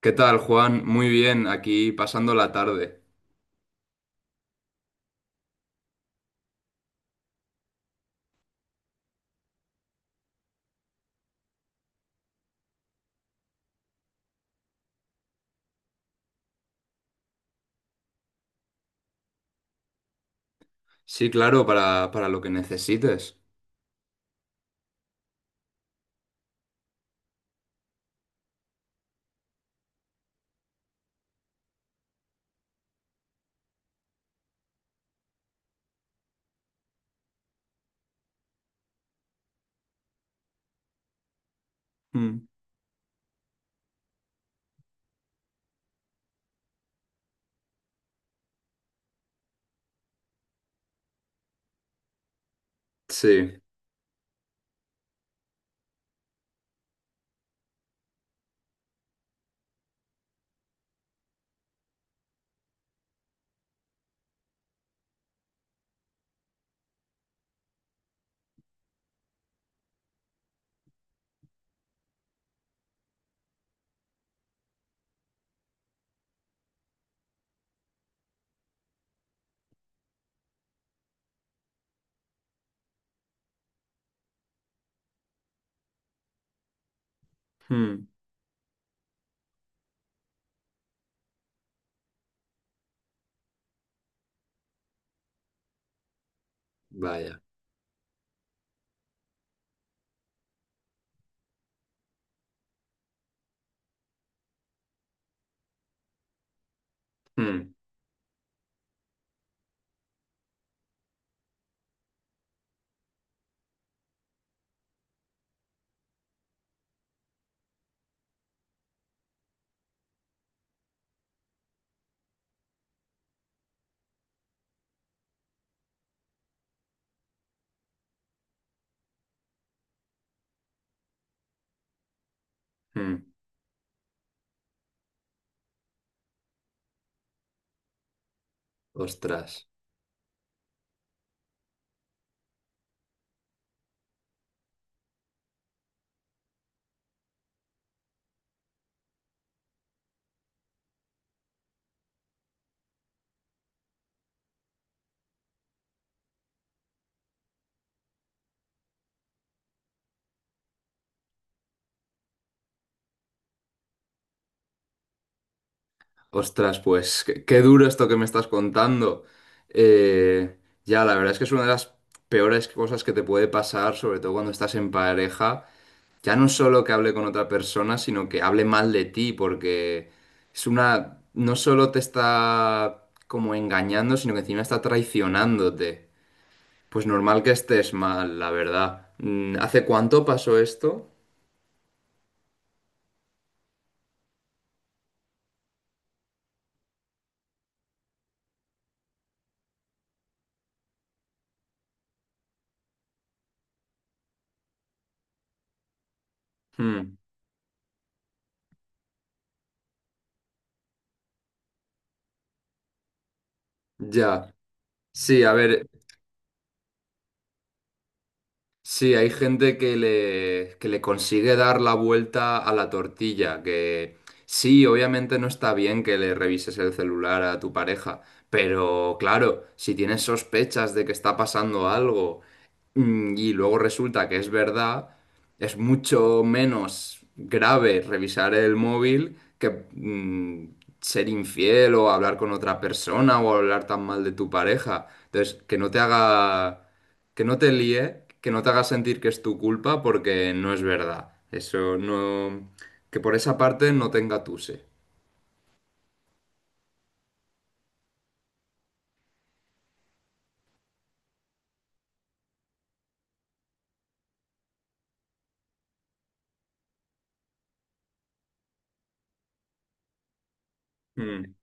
¿Qué tal, Juan? Muy bien, aquí pasando la tarde. Sí, claro, para lo que necesites. Mm. Sí. Mm. Vaya. Mm. Mm. Ostras. Ostras, pues qué, qué duro esto que me estás contando. Eh, ya, la verdad es que es una de las peores cosas que te puede pasar, sobre todo cuando estás en pareja. Ya no solo que hable con otra persona, sino que hable mal de ti, porque no solo te está como engañando, sino que encima está traicionándote. Pues normal que estés mal, la verdad. ¿Hace cuánto pasó esto? Hmm, ya. Sí, a ver. Sí, hay gente que le consigue dar la vuelta a la tortilla, que sí, obviamente no está bien que le revises el celular a tu pareja, pero claro, si tienes sospechas de que está pasando algo, y luego resulta que es verdad, es mucho menos grave revisar el móvil que ser infiel o hablar con otra persona o hablar tan mal de tu pareja. Entonces, que no te haga, que no te líe, que no te haga sentir que es tu culpa porque no es verdad. Eso no... Que por esa parte no te engatuse. Mm,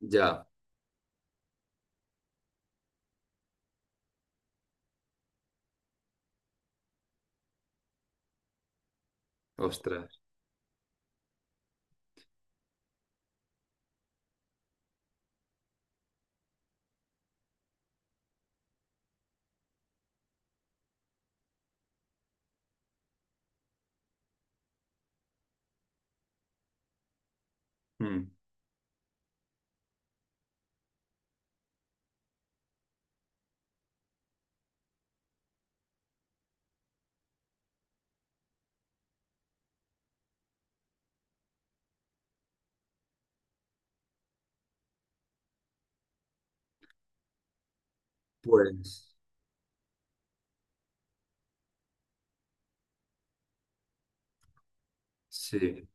ya, ostras. Mm, pues sí,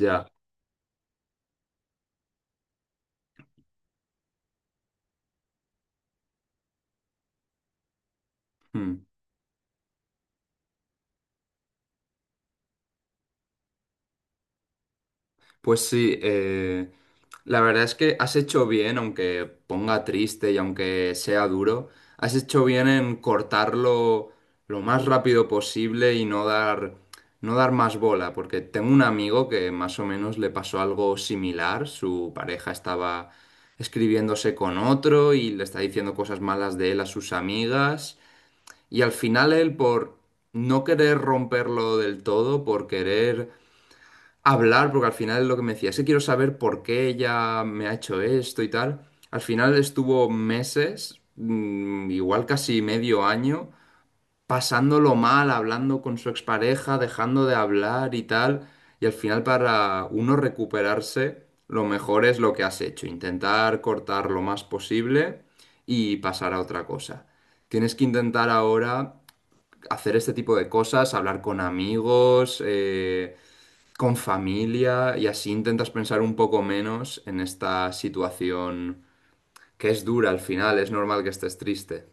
ya. Mm. Pues sí, la verdad es que has hecho bien, aunque ponga triste y aunque sea duro, has hecho bien en cortarlo lo más rápido posible y no dar más bola, porque tengo un amigo que más o menos le pasó algo similar, su pareja estaba escribiéndose con otro y le está diciendo cosas malas de él a sus amigas y al final él por no querer romperlo del todo, por querer hablar, porque al final es lo que me decía, es que quiero saber por qué ella me ha hecho esto y tal. Al final estuvo meses, igual casi medio año, pasándolo mal, hablando con su expareja, dejando de hablar y tal. Y al final para uno recuperarse, lo mejor es lo que has hecho, intentar cortar lo más posible y pasar a otra cosa. Tienes que intentar ahora hacer este tipo de cosas, hablar con amigos, con familia y así intentas pensar un poco menos en esta situación que es dura al final, es normal que estés triste.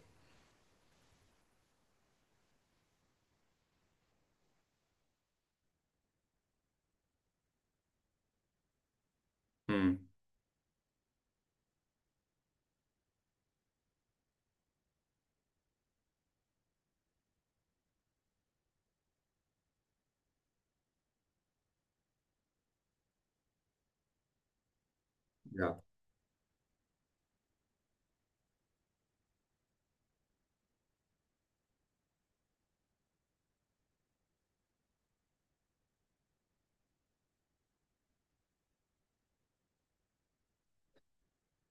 Mm, ya.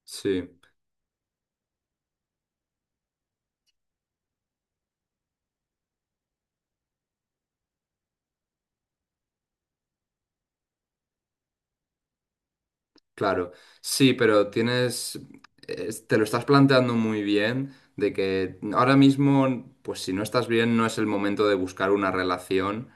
Sí, claro. Sí, pero te lo estás planteando muy bien de que ahora mismo, pues si no estás bien, no es el momento de buscar una relación.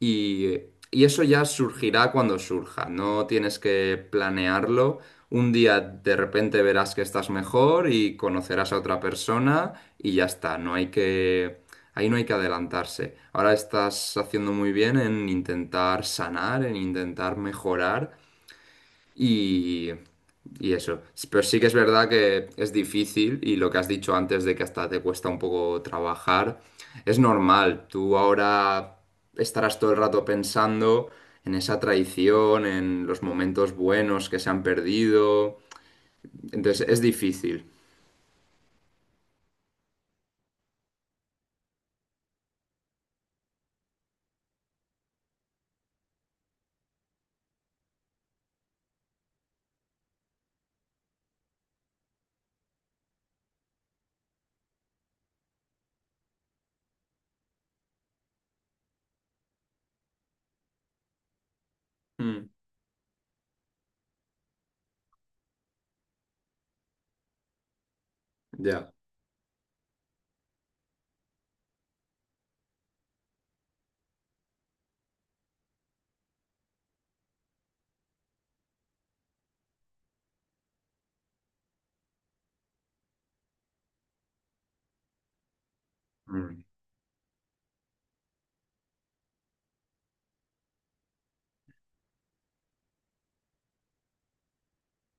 Y, y eso ya surgirá cuando surja, no tienes que planearlo. Un día de repente verás que estás mejor y conocerás a otra persona y ya está, ahí no hay que adelantarse. Ahora estás haciendo muy bien en intentar sanar, en intentar mejorar y, y eso. Pero sí que es verdad que es difícil y lo que has dicho antes de que hasta te cuesta un poco trabajar, es normal. Tú ahora estarás todo el rato pensando en esa traición, en los momentos buenos que se han perdido. Entonces es difícil. Mm, ya. Mm,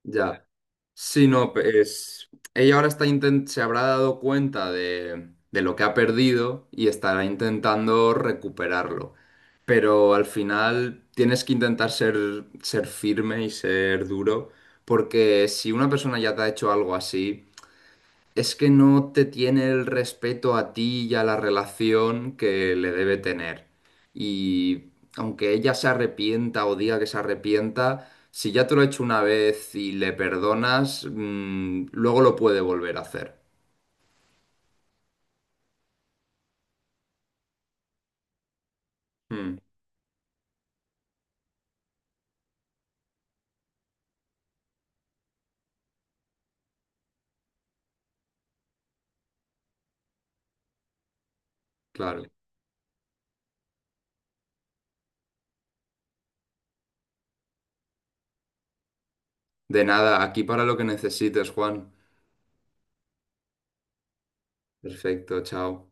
ya. Sí, no, pues ella ahora se habrá dado cuenta de lo que ha perdido y estará intentando recuperarlo. Pero al final tienes que intentar ser, firme y ser duro, porque si una persona ya te ha hecho algo así, es que no te tiene el respeto a ti y a la relación que le debe tener. Y aunque ella se arrepienta o diga que se arrepienta, si ya te lo ha hecho una vez y le perdonas, luego lo puede volver a hacer. Mm, claro. De nada, aquí para lo que necesites, Juan. Perfecto, chao.